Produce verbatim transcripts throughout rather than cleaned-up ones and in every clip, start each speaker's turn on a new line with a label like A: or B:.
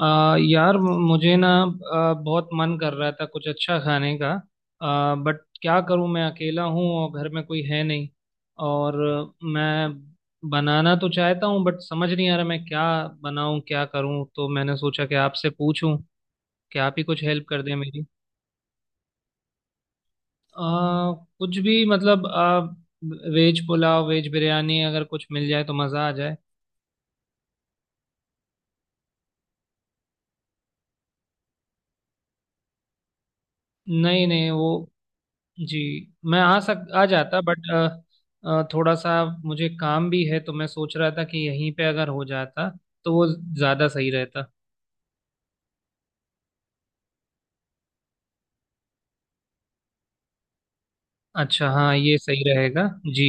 A: आ, यार मुझे ना आ, बहुत मन कर रहा था कुछ अच्छा खाने का। आ, बट क्या करूं, मैं अकेला हूं और घर में कोई है नहीं। और मैं बनाना तो चाहता हूं, बट समझ नहीं आ रहा मैं क्या बनाऊं, क्या करूं। तो मैंने सोचा कि आपसे पूछूं कि आप ही कुछ हेल्प कर दें मेरी। आ, कुछ भी मतलब आ, वेज पुलाव, वेज बिरयानी, अगर कुछ मिल जाए तो मज़ा आ जाए। नहीं नहीं, वो जी, मैं आ सक आ जाता बट थोड़ा सा मुझे काम भी है, तो मैं सोच रहा था कि यहीं पे अगर हो जाता तो वो ज़्यादा सही रहता। अच्छा हाँ, ये सही रहेगा। जी।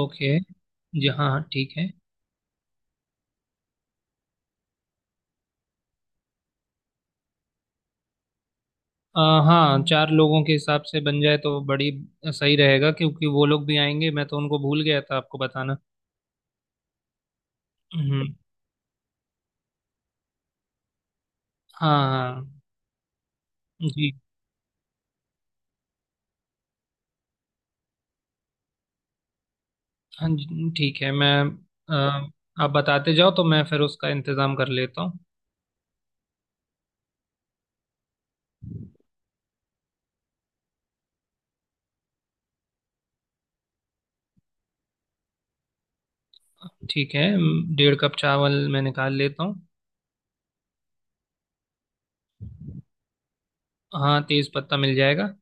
A: ओके। जी हाँ हाँ, ठीक है। अ, हाँ, चार लोगों के हिसाब से बन जाए तो बड़ी सही रहेगा, क्योंकि वो लोग भी आएंगे। मैं तो उनको भूल गया था आपको बताना। हम्म। हाँ हाँ। जी। हाँ जी ठीक है। मैं अ, आप बताते जाओ तो मैं फिर उसका इंतज़ाम कर लेता हूँ। ठीक है। म, डेढ़ कप चावल मैं निकाल लेता हूँ। हाँ, तेज पत्ता मिल जाएगा।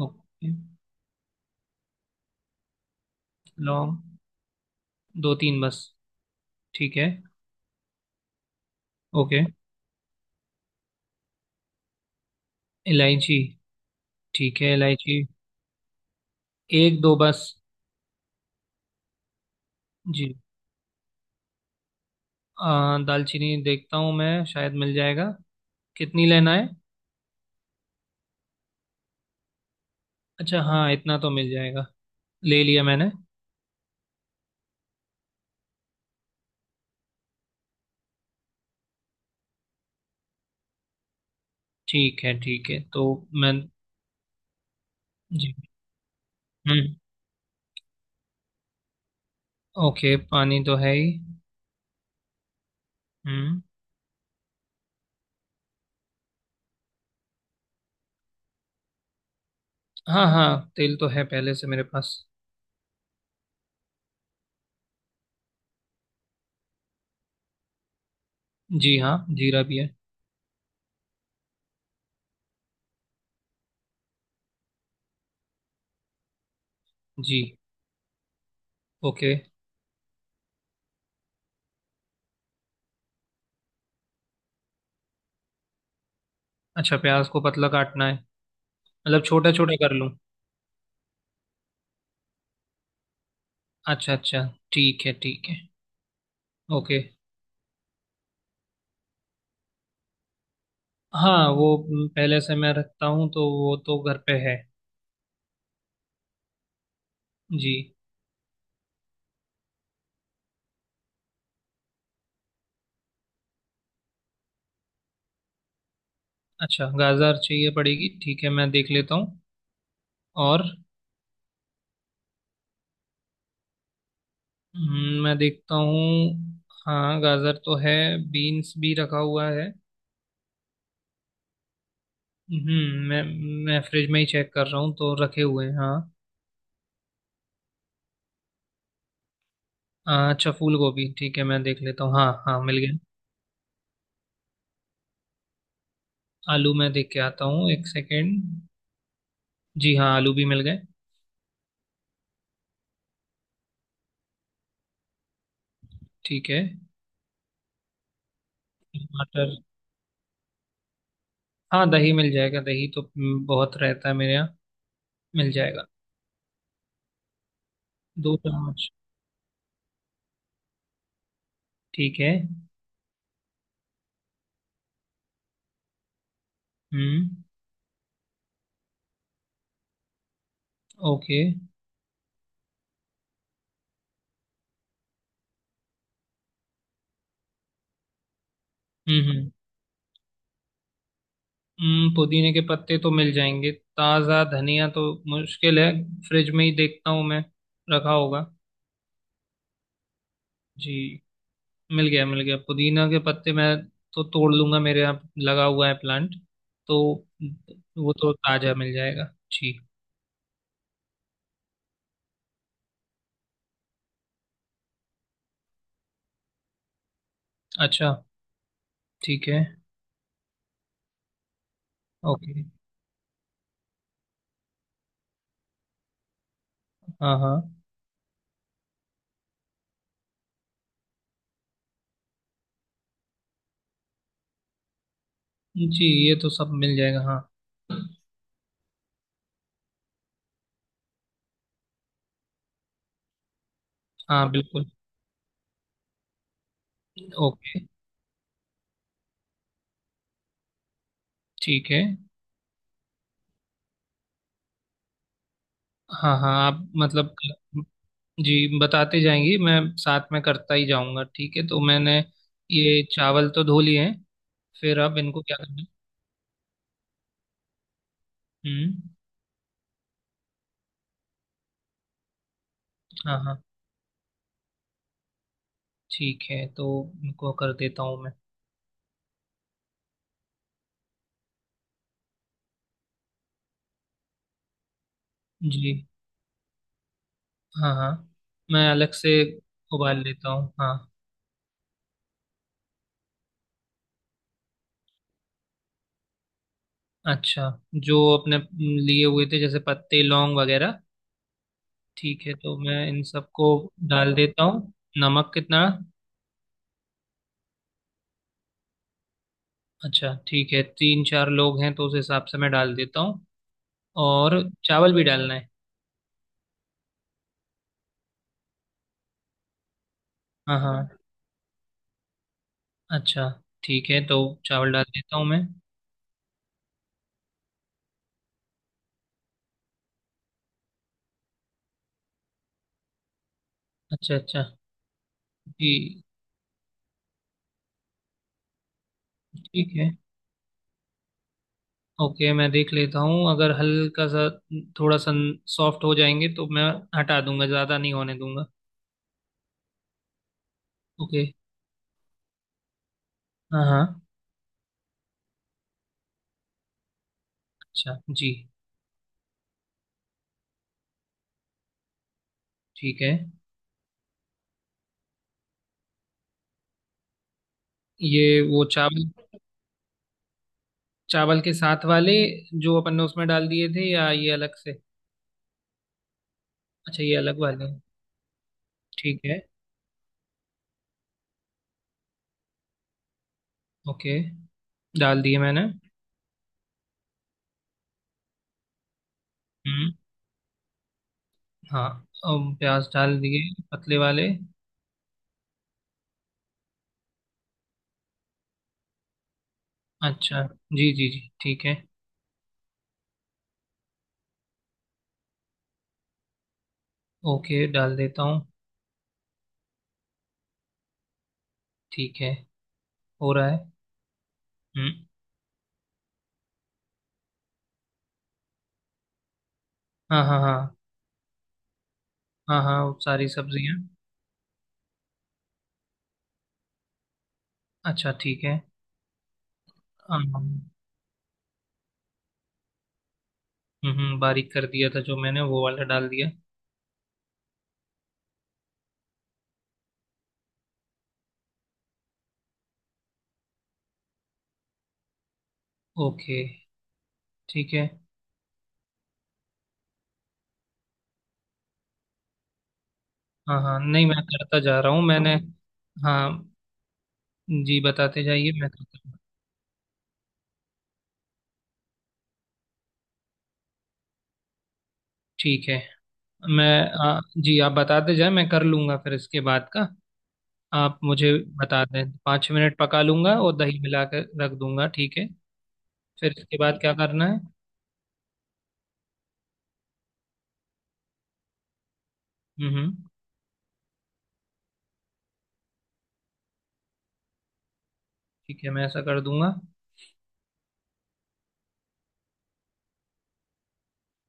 A: ओके। लौंग दो तीन बस, ठीक है। ओके। इलायची, ठीक है इलायची एक दो बस। जी। आ, दालचीनी देखता हूँ, मैं शायद मिल जाएगा। कितनी लेना है? अच्छा हाँ, इतना तो मिल जाएगा। ले लिया मैंने। ठीक है ठीक है, तो मैं जी। हम्म। ओके, पानी तो है ही। हम्म। हाँ हाँ, तेल तो है पहले से मेरे पास। जी हाँ, जीरा भी है। जी। ओके। अच्छा, प्याज को पतला काटना है मतलब छोटा छोटा कर लूँ? अच्छा अच्छा, ठीक है ठीक है। ओके। हाँ, वो म, पहले से मैं रखता हूँ तो वो तो घर पे है। जी। अच्छा, गाजर चाहिए पड़ेगी, ठीक है मैं देख लेता हूँ। और हम्म, मैं देखता हूँ, हाँ गाजर तो है। बीन्स भी रखा हुआ है। हम्म। मैं मैं फ्रिज में ही चेक कर रहा हूँ, तो रखे हुए हैं हाँ। आ, अच्छा फूल गोभी, ठीक है मैं देख लेता हूँ, हाँ हाँ मिल गया। आलू मैं देख के आता हूँ, एक सेकेंड। जी हाँ, आलू भी मिल गए। ठीक है। टमाटर, हाँ दही मिल जाएगा। दही तो हम्म, बहुत रहता है मेरे यहाँ, मिल जाएगा। दो चम्मच, ठीक है। हम्म। ओके। हम्म। हम्म। हम्म, पुदीने के पत्ते तो मिल जाएंगे। ताज़ा धनिया तो मुश्किल है, फ्रिज में ही देखता हूँ मैं, रखा होगा। जी। मिल गया मिल गया, पुदीना के पत्ते मैं तो तोड़ लूंगा, मेरे यहाँ लगा हुआ है प्लांट, तो वो तो ताज़ा मिल जाएगा। जी। अच्छा। ठीक है। ओके। हाँ हाँ। जी, ये तो सब मिल जाएगा हाँ। हाँ बिल्कुल। ओके। ठीक है। हाँ हाँ, आप मतलब जी बताते जाएंगी मैं साथ में करता ही जाऊंगा, ठीक है। तो मैंने ये चावल तो धो लिए हैं, फिर अब इनको क्या करना है? हम्म। हाँ हाँ, ठीक है, तो इनको कर देता हूँ मैं। जी। हाँ हाँ, मैं अलग से उबाल लेता हूँ हाँ। अच्छा जो अपने हम्म, लिए हुए थे, जैसे पत्ते लौंग वगैरह। ठीक है तो मैं इन सबको डाल देता हूँ। नमक कितना? अच्छा ठीक है, तीन चार लोग हैं तो उस हिसाब से मैं डाल देता हूँ। और चावल भी डालना है? हाँ हाँ। अच्छा ठीक है, तो चावल डाल देता हूँ मैं। अच्छा अच्छा। जी। ठीक है। ओके, मैं देख लेता हूँ, अगर हल्का सा थोड़ा सा सॉफ्ट हो जाएंगे तो मैं हटा दूंगा, ज़्यादा नहीं होने दूंगा। ओके। हाँ हाँ। अच्छा जी। ठीक है। ये वो चावल, चावल के साथ वाले जो अपन ने उसमें डाल दिए थे या ये अलग से? अच्छा ये अलग वाले हैं। ठीक है। ओके, डाल दिए मैंने। हम्म। हाँ, अब प्याज डाल दिए, पतले वाले। अच्छा जी जी जी ठीक है। ओके, डाल देता हूँ। ठीक है, हो रहा है। हम्म। हाँ हाँ हाँ। हाँ हाँ, वो सारी सब्जियाँ। अच्छा ठीक है। हाँ, हाँ, हम्म हम्म, बारीक कर दिया था जो मैंने, वो वाला डाल दिया। ओके ठीक है। हाँ हाँ, नहीं मैं करता जा रहा हूँ मैंने। हाँ, जी बताते जाइए मैं करता हूँ। ठीक है मैं आ, जी आप बताते जाए, मैं कर लूँगा, फिर इसके बाद का आप मुझे बता दें। पाँच मिनट पका लूँगा और दही मिला के रख दूँगा, ठीक है। फिर इसके बाद क्या करना है? हम्म। हम्म, ठीक है मैं ऐसा कर दूँगा।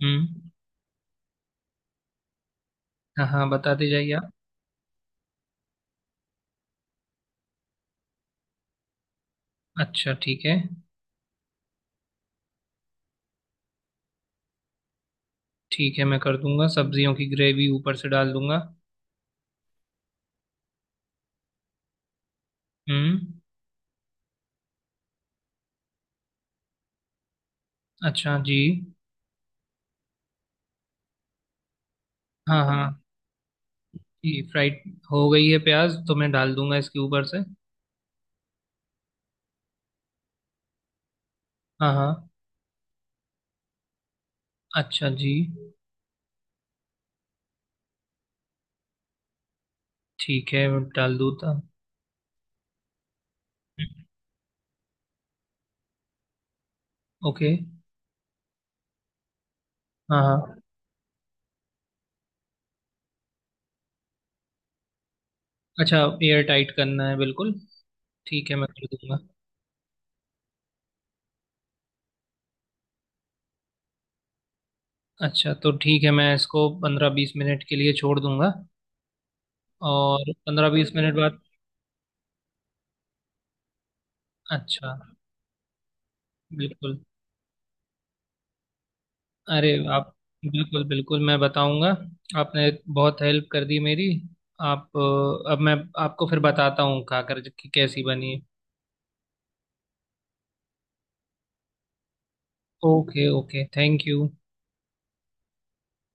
A: हम्म। हाँ हाँ, बताते जाइए आप। अच्छा ठीक है ठीक है, मैं कर दूँगा, सब्जियों की ग्रेवी ऊपर से डाल दूँगा। हम्म। अच्छा जी। हाँ हाँ। जी फ्राइड हो गई है प्याज तो, मैं डाल दूँगा इसके ऊपर से। हाँ हाँ। अच्छा जी। ठीक है मैं डाल दूँ था। ओके। हाँ हाँ। अच्छा, एयर टाइट करना है बिल्कुल, ठीक है मैं कर दूंगा। अच्छा तो ठीक है, मैं इसको पंद्रह बीस मिनट के लिए छोड़ दूंगा। और पंद्रह बीस मिनट बाद? अच्छा। बिल्कुल। अरे आप, बिल्कुल बिल्कुल मैं बताऊंगा। आपने बहुत हेल्प कर दी मेरी। आप अ, अब मैं आपको फिर बताता हूँ खाकर कि कैसी बनी। Okay okay thank you.